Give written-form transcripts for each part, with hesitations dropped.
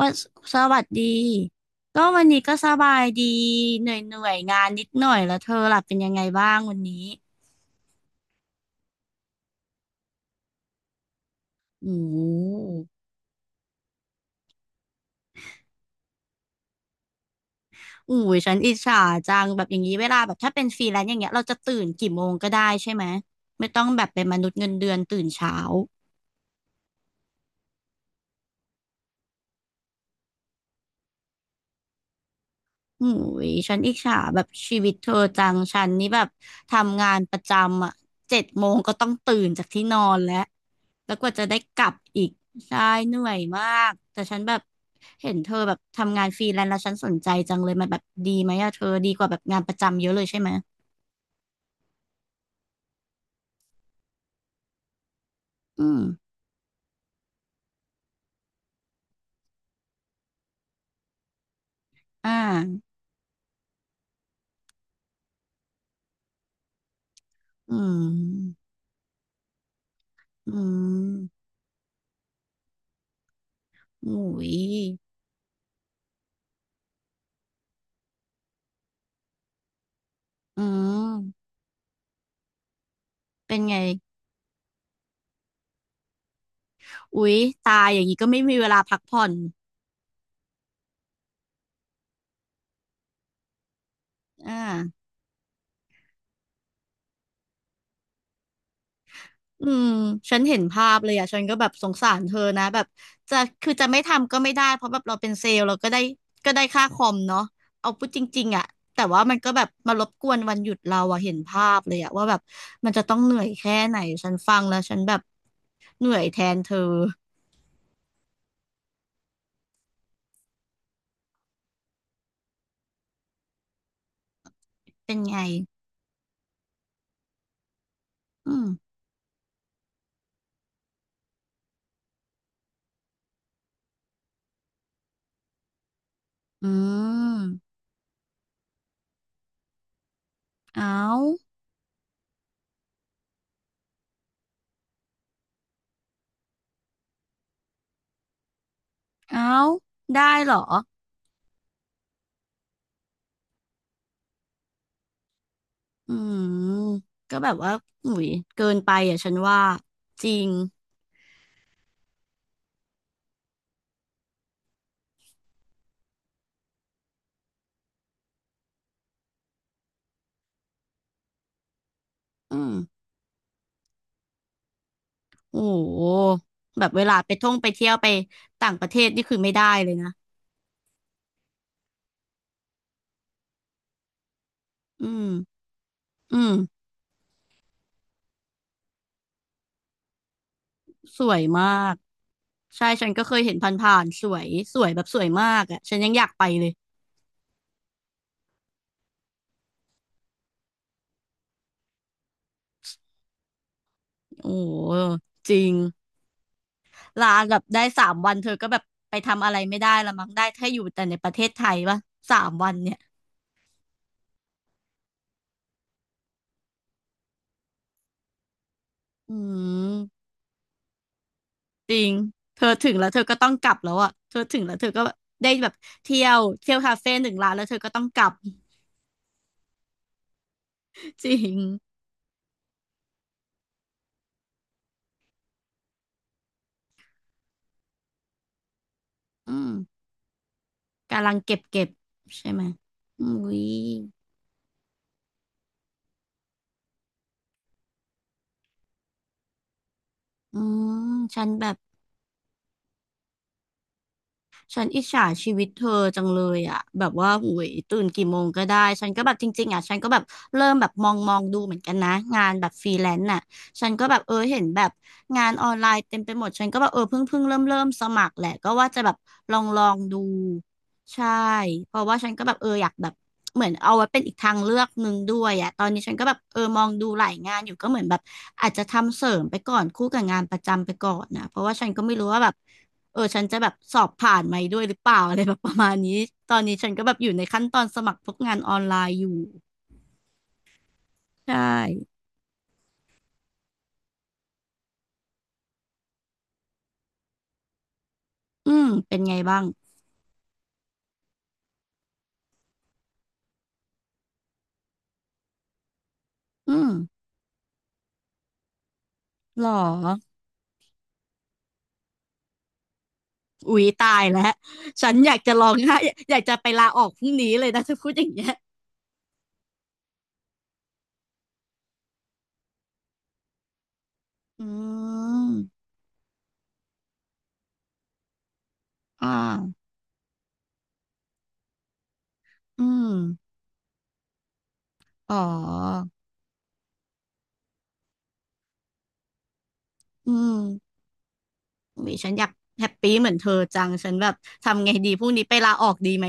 ว่าสวัสดีก็วันนี้ก็สบายดีเหนื่อยเหนื่อยงานนิดหน่อยแล้วเธอล่ะเป็นยังไงบ้างวันนี้อืมอู้ยฉันอิจฉาจังแบบอย่างนี้เวลาแบบถ้าเป็นฟรีแลนซ์อย่างเงี้ยเราจะตื่นกี่โมงก็ได้ใช่ไหมไม่ต้องแบบเป็นมนุษย์เงินเดือนตื่นเช้า หูยฉันอิจฉาแบบชีวิตเธอจังฉันนี่แบบทำงานประจำอ่ะเจ็ดโมงก็ต้องตื่นจากที่นอนแล้วแล้วกว่าจะได้กลับอีกใช่เหนื่อยมากแต่ฉันแบบเห็นเธอแบบทำงานฟรีแลนซ์แล้วฉันสนใจจังเลยมันแบบดีไหมอะเธอดีกว่าแบบงานประจำเยอะเลยใช่ไหมอืมอ่าอืมอืมหูยอืมเป็นไงอุ๊ยตายอย่างนี้ก็ไม่มีเวลาพักผ่อนอ่า อืมฉันเห็นภาพเลยอ่ะฉันก็แบบสงสารเธอนะแบบจะคือจะไม่ทำก็ไม่ได้เพราะแบบเราเป็นเซลล์เราก็ได้ก็ได้ค่าคอมเนาะเอาพูดจริงๆอ่ะแต่ว่ามันก็แบบมารบกวนวันหยุดเราอ่ะเห็นภาพเลยอ่ะว่าแบบมันจะต้องเหนื่อยแค่ไหนฉันฟังแล้วฉันแบบเหนื่อยแทนเธอเป็นไงอืมอืมเอาเอาได้เหรออืมก็แบบว่าหนุยเกินไปอ่ะฉันว่าจริงอืม โอ้โหแบบเวลาไปท่องไปเที่ยวไปต่างประเทศนี่คือไม่ได้เลยนะอืมอืมสวยมากใช่ฉันก็เคยเห็นผ่านๆสวยสวยแบบสวยมากอ่ะฉันยังอยากไปเลยโอ้โหจริงลาแบบได้สามวันเธอก็แบบไปทำอะไรไม่ได้ละมั้งได้แค่อยู่แต่ในประเทศไทยปะสามวันเนี่ยอืมจริงเธอถึงแล้วเธอก็ต้องกลับแล้วอ่ะเธอถึงแล้วเธอก็ได้แบบเที่ยวเที่ยวคาเฟ่หนึ่งร้านแล้วเธอก็ต้องกลับ จริงอืม กำลังเก็บเก็บใช่ไหมอุ้ยอืม ฉันแบบ ฉันอิจฉาชีวิตเธอจังเลยอ่ะแบบว่าห้ยตื่นกี่โมงก็ได้ฉันก็แบบจริงๆอ่ะฉันก็แบบเริ่มแบบมองดูเหมือนกันนะงานแบบฟรีแลนซ์น่ะฉันก็แบบเออเห็นแบบงานออนไลน์เต็มไปหมดฉันก็แบบเออเพิ่งเริ่มสมัครแหละก็ว่าจะแบบลองดูใช่เพราะว่าฉันก็แบบเอออยากแบบเหมือนเอาไว้เป็นอีกทางเลือกหนึ่งด้วยอ่ะตอนนี้ฉันก็แบบเออมองดูหลายงานอยู่ก็เหมือนแบบอาจจะทำเสริมไปก่อนคู่กับงานประจำไปก่อนนะเพราะว่าฉันก็ไม่รู้ว่าแบบ เออฉันจะแบบสอบผ่านไหมด้วยหรือเปล่าอะไรแบบประมาณนี้ตอนนี้ฉันก็แบบอยู่ในขั้นตอนสมัครพวกงานออนไลน์อยู่ใช่อืมเป็นไงบ้างอืมหรออุ๊ยตายแล้วฉันอยากจะลองไหอยากจะไปลาออกพรุ่งนี้เลยนะถ้าพูดอย่างเงี้ยอืมอ่าอืมอ๋ออืมอุ๊ยฉันอยากแฮปปี้เหมือนเธอจังฉันแบบทำไงดีพรุ่งนี้ไปลาออกดีไหม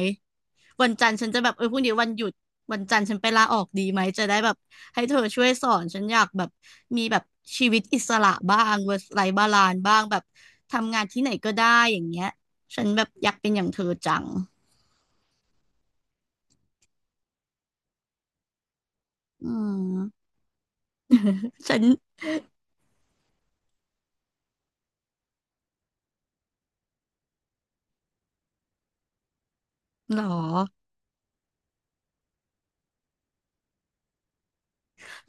วันจันทร์ฉันจะแบบเออพรุ่งนี้วันหยุดวันจันทร์ฉันไปลาออกดีไหมจะได้แบบให้เธอช่วยสอนฉันอยากแบบมีแบบชีวิตอิสระบ้าง work life balance บ้างแบบทำงานที่ไหนก็ได้อย่างเงี้ยฉันแบบอยากเป็นอย่างเธอจังอืมฉันเหรอ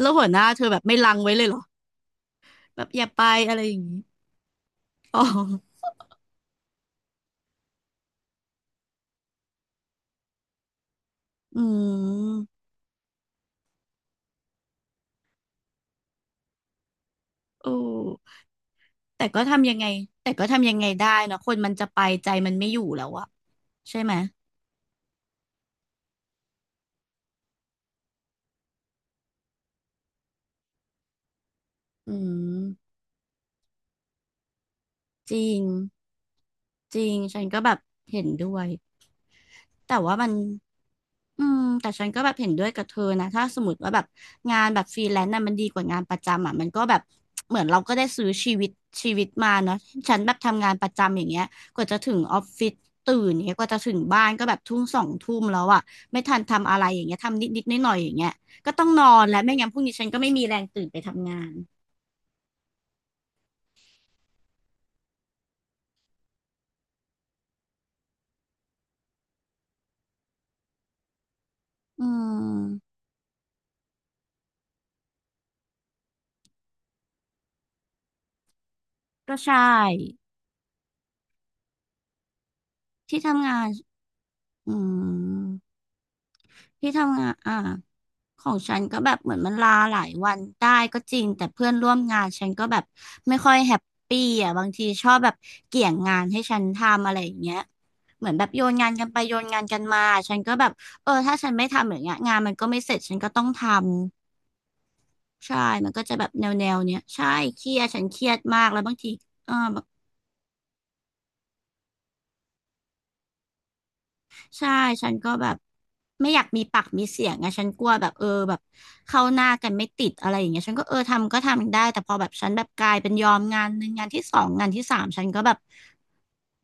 แล้วหัวหน้าเธอแบบไม่ลังไว้เลยเหรอแบบอย่าไปอะไรอย่างนี้อ๋ออืมโอ้แต่ก็ทำยังไงแต่ก็ทำยังไงได้เนอะคนมันจะไปใจมันไม่อยู่แล้วอะใช่ไหมอืมจริง จริงฉันก็แบบเห็นด้วย แต่ว่ามันอืมแต่ฉันก็แบบเห็นด้วยกับเธอนะถ้าสมมติว่าแบบงานแบบฟรีแลนซ์น่ะมันดีกว่างานประจำอ่ะมันก็แบบเหมือนเราก็ได้ซื้อชีวิตมาเนาะฉันแบบทำงานประจำอย่างเงี้ยกว่าจะถึงออฟฟิศตื่นอย่างเงี้ยกว่าจะถึงบ้านก็แบบทุ่มสองทุ่มแล้วอ่ะไม่ทันทำอะไรอย่างเงี้ยทำนิดนิดน้อยหน่อยๆอย่างเงี้ยก็ต้องนอนแล้วไม่งั้นพรุ่งนี้ฉันก็ไม่มีแรงตื่นไปทำงานอืมก็ใช่ที่ทำงานอืม ที่ทำงานอ่าของฉันก็แบบเหมือนมันลาหลายวันได้ก็จริงแต่เพื่อนร่วมงานฉันก็แบบไม่ค่อยแฮปปี้อ่ะบางทีชอบแบบเกี่ยงงานให้ฉันทำอะไรอย่างเงี้ยเหมือนแบบโยนงานกันไปโยนงานกันมาฉันก็แบบเออถ้าฉันไม่ทำอย่างเงี้ยงานมันก็ไม่เสร็จฉันก็ต้องทำใช่มันก็จะแบบแนวเนี้ยใช่เครียดฉันเครียดมากแล้วบางทีเออ ใช่ ฉันก็แบบไม่อยากมีปากมีเสียงไงฉันกลัวแบบเออแบบเข้าหน้ากันไม่ติดอะไรอย่างเงี้ยฉันก็เออทำก็ทำได้ แต่พอแบบฉันแบบกลายเป็นยอมงานหนึ่งงานที่สองงานที่สามฉันก็แบบ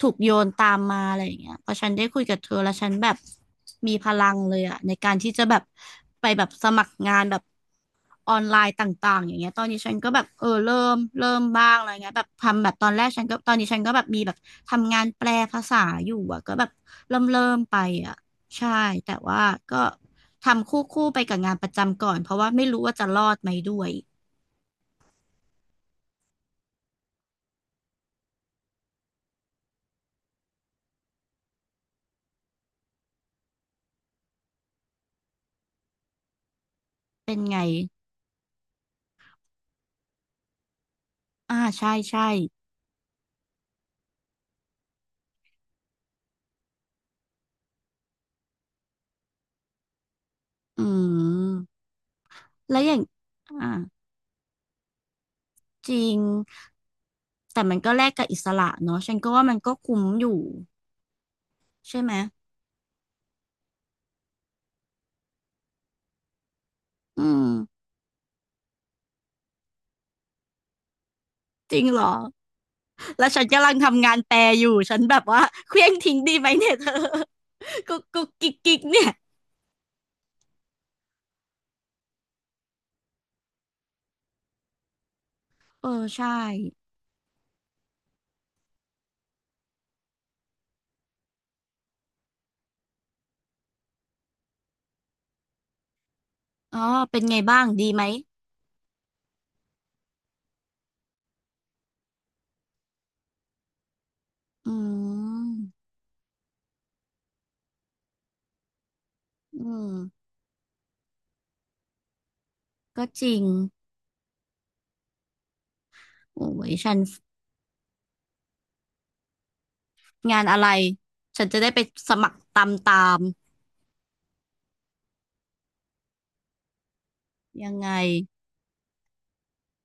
ถูกโยนตามมาอะไรอย่างเงี้ยพอฉันได้คุยกับเธอแล้วฉันแบบมีพลังเลยอะในการที่จะแบบไปแบบสมัครงานแบบ ออนไลน์ต่างๆอย่างเงี้ยตอนนี้ฉันก็แบบเออเริ่มบ้างอะไรเงี้ยแบบทำแบบตอนแรกฉันก็ตอนนี้ฉันก็แบบมีแบบทำงานแปลภาษาอยู่อะก็แบบเริ่มไปอะใช่แต่ว่าก็ทำคู่คู่ไปกับงานประจำก่อนเพราะว่าไม่รู้ว่าจะรอดไหมด้วยเป็นไงอ่าใช่ใช่อืมแล้วอย่างอ่าจริงแต่มันก็แลกกับอิสระเนาะฉันก็ว่ามันก็คุ้มอยู่ใช่ไหมอืมจริงเหรอ แล้วฉันกำลังทำงานแปลอยู่ฉันแบบว่าเคว้งทิ้งดีไหมเนี่ยเธอ กุ๊กกุ๊กกิ๊กกิ๊กเนี่ยเออใช่อ๋อเป็นไงบ้างดีไหมอืมอืมก็จริงโอ้ยฉันงานอะไรฉันจะได้ไปสมัครตามยังไง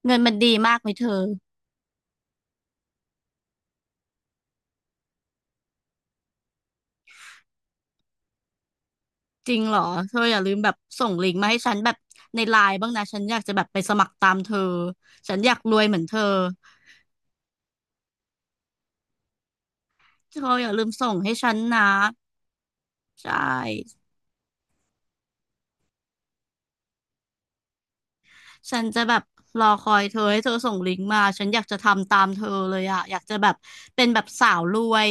เงินมันดีมากไหมเธอจริงเหรอเธออย่าลืมแบบส่งลิงก์มาให้ฉันแบบในไลน์บ้างนะฉันอยากจะแบบไปสมัครตามเธอ ฉันอยากรวยเหมือนเธอเธออย่าลืมส่งให้ฉันนะใช่ ฉันจะแบบรอคอยเธอให้เธอส่งลิงก์มา ฉันอยากจะทำตามเธอเลยอะอยากจะแบบเป็นแบบสาวรวย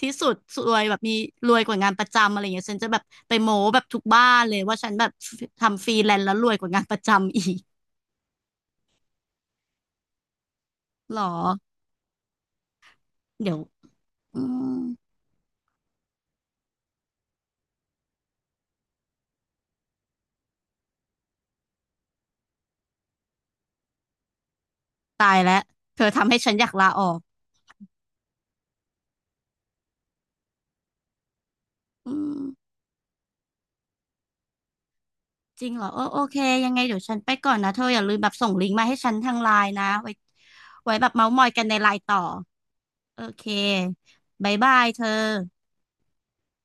ที่สุดรวยแบบมีรวยกว่างานประจำอะไรเงี้ยฉันจะแบบไปโม้แบบทุกบ้านเลยว่าฉันแบบทำฟรีแลนซ์แล้วรวยกว่างานประจำอีกหรอเดี๋ยวอืมตายแล้วเธอทำให้ฉันอยากลาออกอืมจริงเหรอเออโอเคยังไงเดี๋ยวฉันไปก่อนนะเธออย่าลืมแบบส่งลิงก์มาให้ฉันทางไลน์นะไว้ไว้แบบเม้าท์มอยกันในไลน์ต่อ โอเค บายบายเธอ